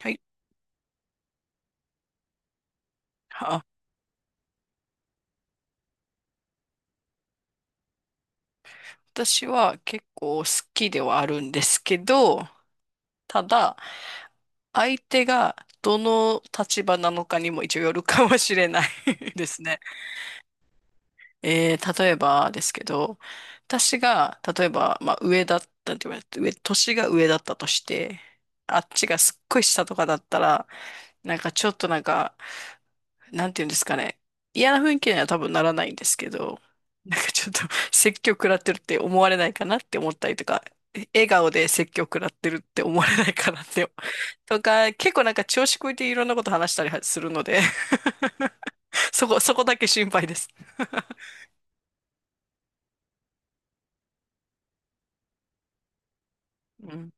はい。あ、私は結構好きではあるんですけど、ただ、相手がどの立場なのかにも一応よるかもしれない ですね。例えばですけど、私が、例えば、まあ、上だったって言われて、年が上だったとして、あっちがすっごい下とかだったら、なんかちょっと、なんていうんですかね。嫌な雰囲気には多分ならないんですけど、なんかちょっと 説教食らってるって思われないかなって思ったりとか、笑顔で説教食らってるって思われないかなって、とか、結構なんか調子こいていろんなこと話したりはするので そこだけ心配です。うん。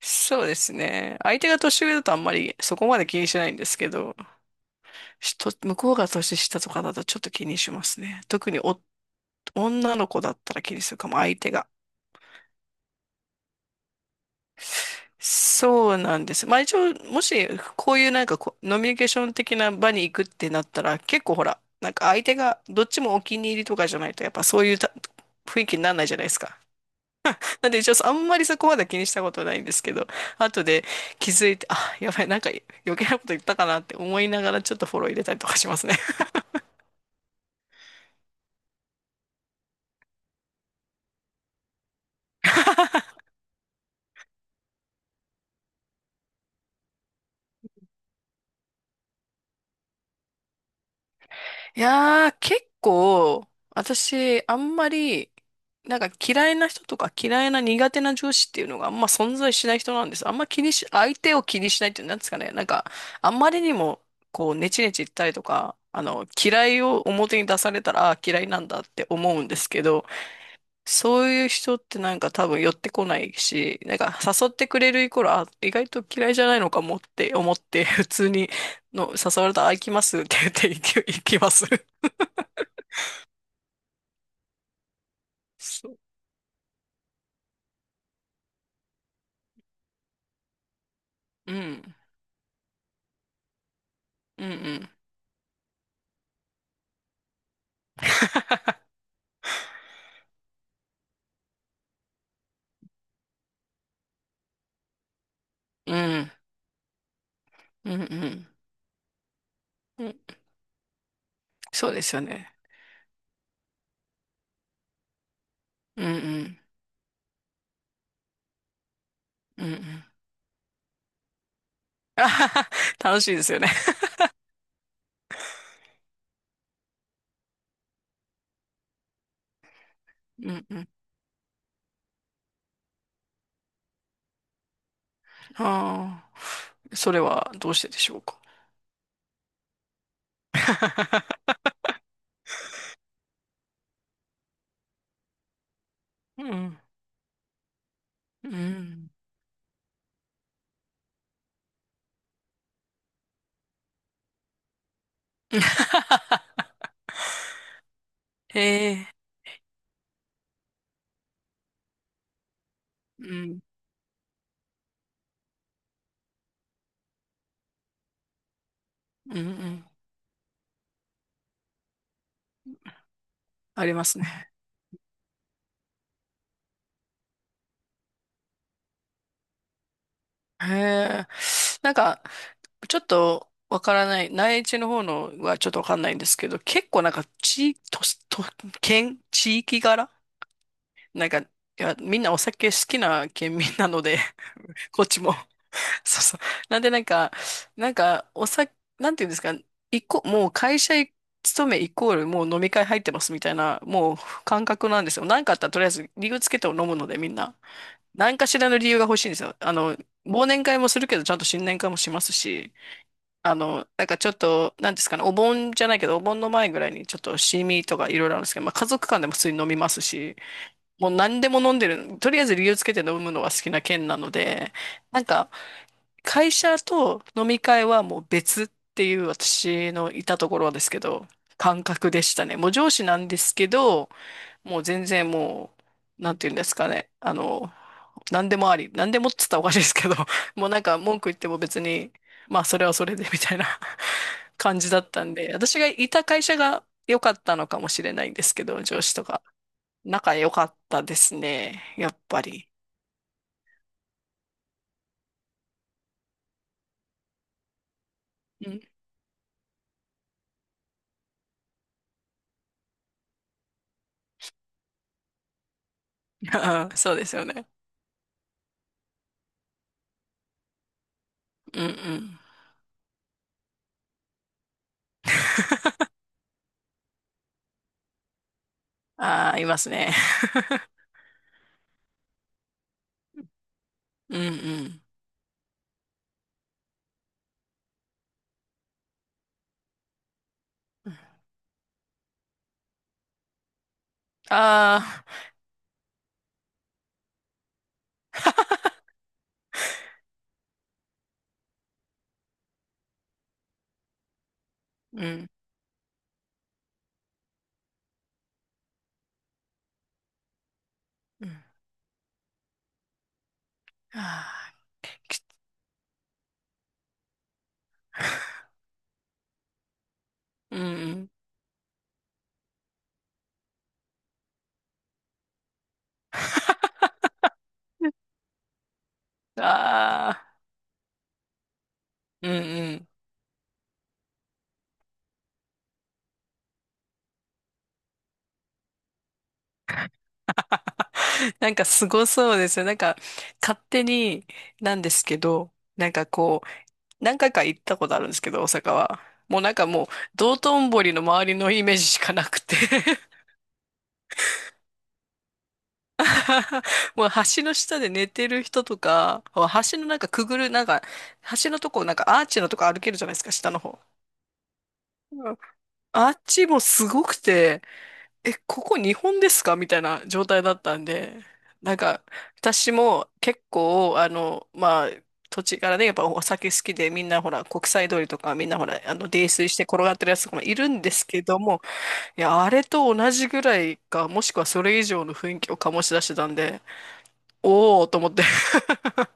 そうですね。相手が年上だとあんまりそこまで気にしないんですけど、しと向こうが年下とかだとちょっと気にしますね。特に女の子だったら気にするかも、相手が。そうなんです。まあ一応、もし、こういうなんかこう、ノミニケーション的な場に行くってなったら、結構ほら、なんか相手がどっちもお気に入りとかじゃないと、やっぱそういう雰囲気にならないじゃないですか。なんで一応、あんまりそこまで気にしたことないんですけど、後で気づいて、あ、やばい、なんか余計なこと言ったかなって思いながら、ちょっとフォロー入れたりとかしますね。いやー、結構、私、あんまり、なんか嫌いな人とか嫌いな苦手な上司っていうのがあんま存在しない人なんです。あんま気にし、相手を気にしないっていうんですかね。なんか、あんまりにも、こう、ネチネチ言ったりとか、あの、嫌いを表に出されたら、あー嫌いなんだって思うんですけど、そういう人ってなんか多分寄ってこないし、なんか誘ってくれるイコール、あ、意外と嫌いじゃないのかもって思って、普通にの誘われたら、あ、行きますって言って行きます。そう。うん。うんうん。うん。うんうんうん。そうですよね。うんうん。うんうん。あはは楽しいですよね。うんうん。ああ。それはどうしてでしょうか。うん。うん。へえ。うん。うんうん。ありますね。へえ。なんか、ちょっとわからない、内地の方のはちょっとわかんないんですけど、結構なんか地、と、と、県、地域柄なんか、いや、みんなお酒好きな県民なので、こっちも。そうそう。なんでなんか、お酒、なんていうんですか、一個、もう会社勤めイコールもう飲み会入ってますみたいな、もう感覚なんですよ。なんかあったらとりあえず理由つけて飲むのでみんな。何かしらの理由が欲しいんですよ。あの、忘年会もするけど、ちゃんと新年会もしますし、あの、なんかちょっと、なんですかね、お盆じゃないけど、お盆の前ぐらいにちょっとシミとかいろいろあるんですけど、まあ家族間でも普通に飲みますし、もう何でも飲んでる、とりあえず理由つけて飲むのは好きな県なので、なんか会社と飲み会はもう別っていう私のいたところですけど、感覚でしたね。もう上司なんですけど、もう全然、なんていうんですかね、あの、何でもあり、何でもっつったらおかしいですけど、もうなんか文句言っても別に、まあそれはそれでみたいな 感じだったんで、私がいた会社が良かったのかもしれないんですけど、上司とか。仲良かったですね。やっぱり。うん。そうですよね。うんうん。ああ、いますね。うんうん。ああ、うん。うんああ うんうん。ああ、うんうん。なんかすごそうですよ。なんか勝手になんですけど、なんかこう、何回か行ったことあるんですけど、大阪は。もうなんか、道頓堀の周りのイメージしかなくて もう橋の下で寝てる人とか、橋のなんかくぐる、なんか、橋のとこ、なんかアーチのとこ歩けるじゃないですか、下の方。うん。あっちもすごくて、え、ここ日本ですかみたいな状態だったんで、なんか、私も結構、あの、まあ、土地からね、やっぱお酒好きで、みんなほら、国際通りとか、みんなほら、あの、泥酔して転がってるやつとかもいるんですけども、いや、あれと同じぐらいか、もしくはそれ以上の雰囲気を醸し出してたんで、おーと思って。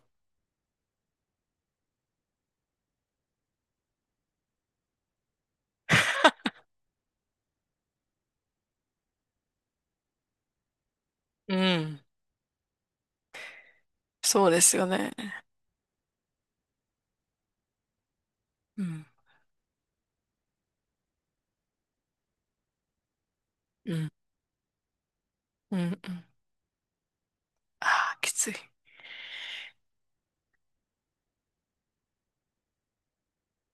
うん。そうですよね。うん。うん。うん。うん。ああ、きつい。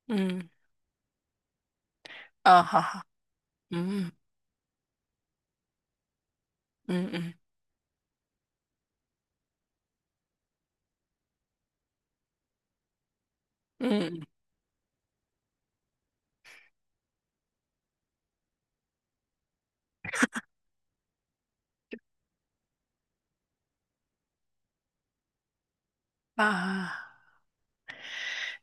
うん。あーはは。うん。うん。うん。うん。ああ、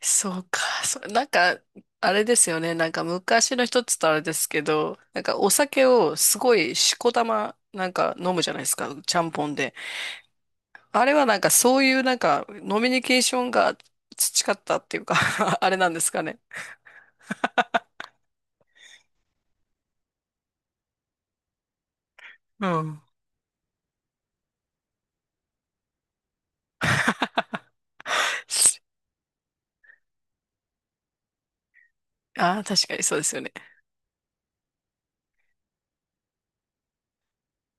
そうか。なんか、あれですよね。なんか昔の人っつったらあれですけど、なんかお酒をすごいしこたま、なんか飲むじゃないですか。ちゃんぽんで。あれはなんかそういうなんか、ノミニケーションが培ったっていうか あれなんですかね。うん。ああ、確かにそうですよね。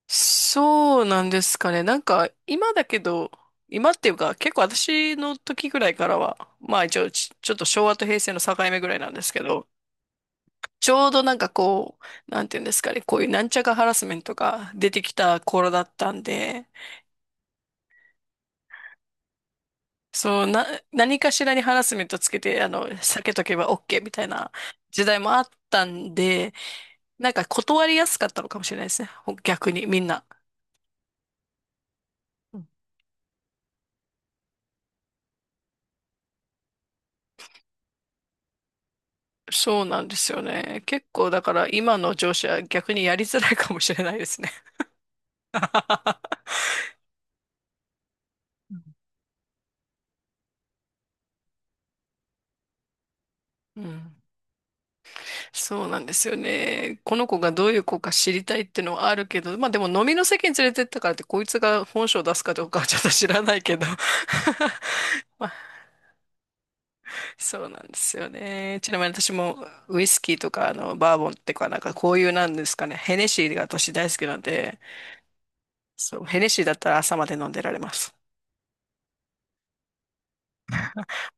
そうなんですかね。なんか、今だけど、今っていうか、結構私の時ぐらいからは、まあ一応ちょっと昭和と平成の境目ぐらいなんですけど、ちょうどなんかこう、なんていうんですかね、こういうなんちゃかハラスメントが出てきた頃だったんで、そう、何かしらにハラスメントつけて、あの、避けとけば OK みたいな時代もあったんで、なんか断りやすかったのかもしれないですね。逆にみんな。そうなんですよね。結構だから今の上司は逆にやりづらいかもしれないですね。うん、そうなんですよね。この子がどういう子か知りたいっていうのはあるけど、まあでも飲みの席に連れてったからってこいつが本性を出すかどうかはちょっと知らないけど。まあ、そうなんですよね。ちなみに私もウイスキーとかあのバーボンっていうかなんかこういうなんですかね、ヘネシーが私大好きなんで、そう、ヘネシーだったら朝まで飲んでられます。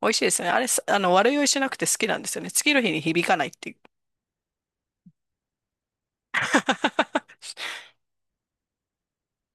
美味しいですね。あれ、あの、悪酔いしなくて好きなんですよね。次の日に響かないっていう。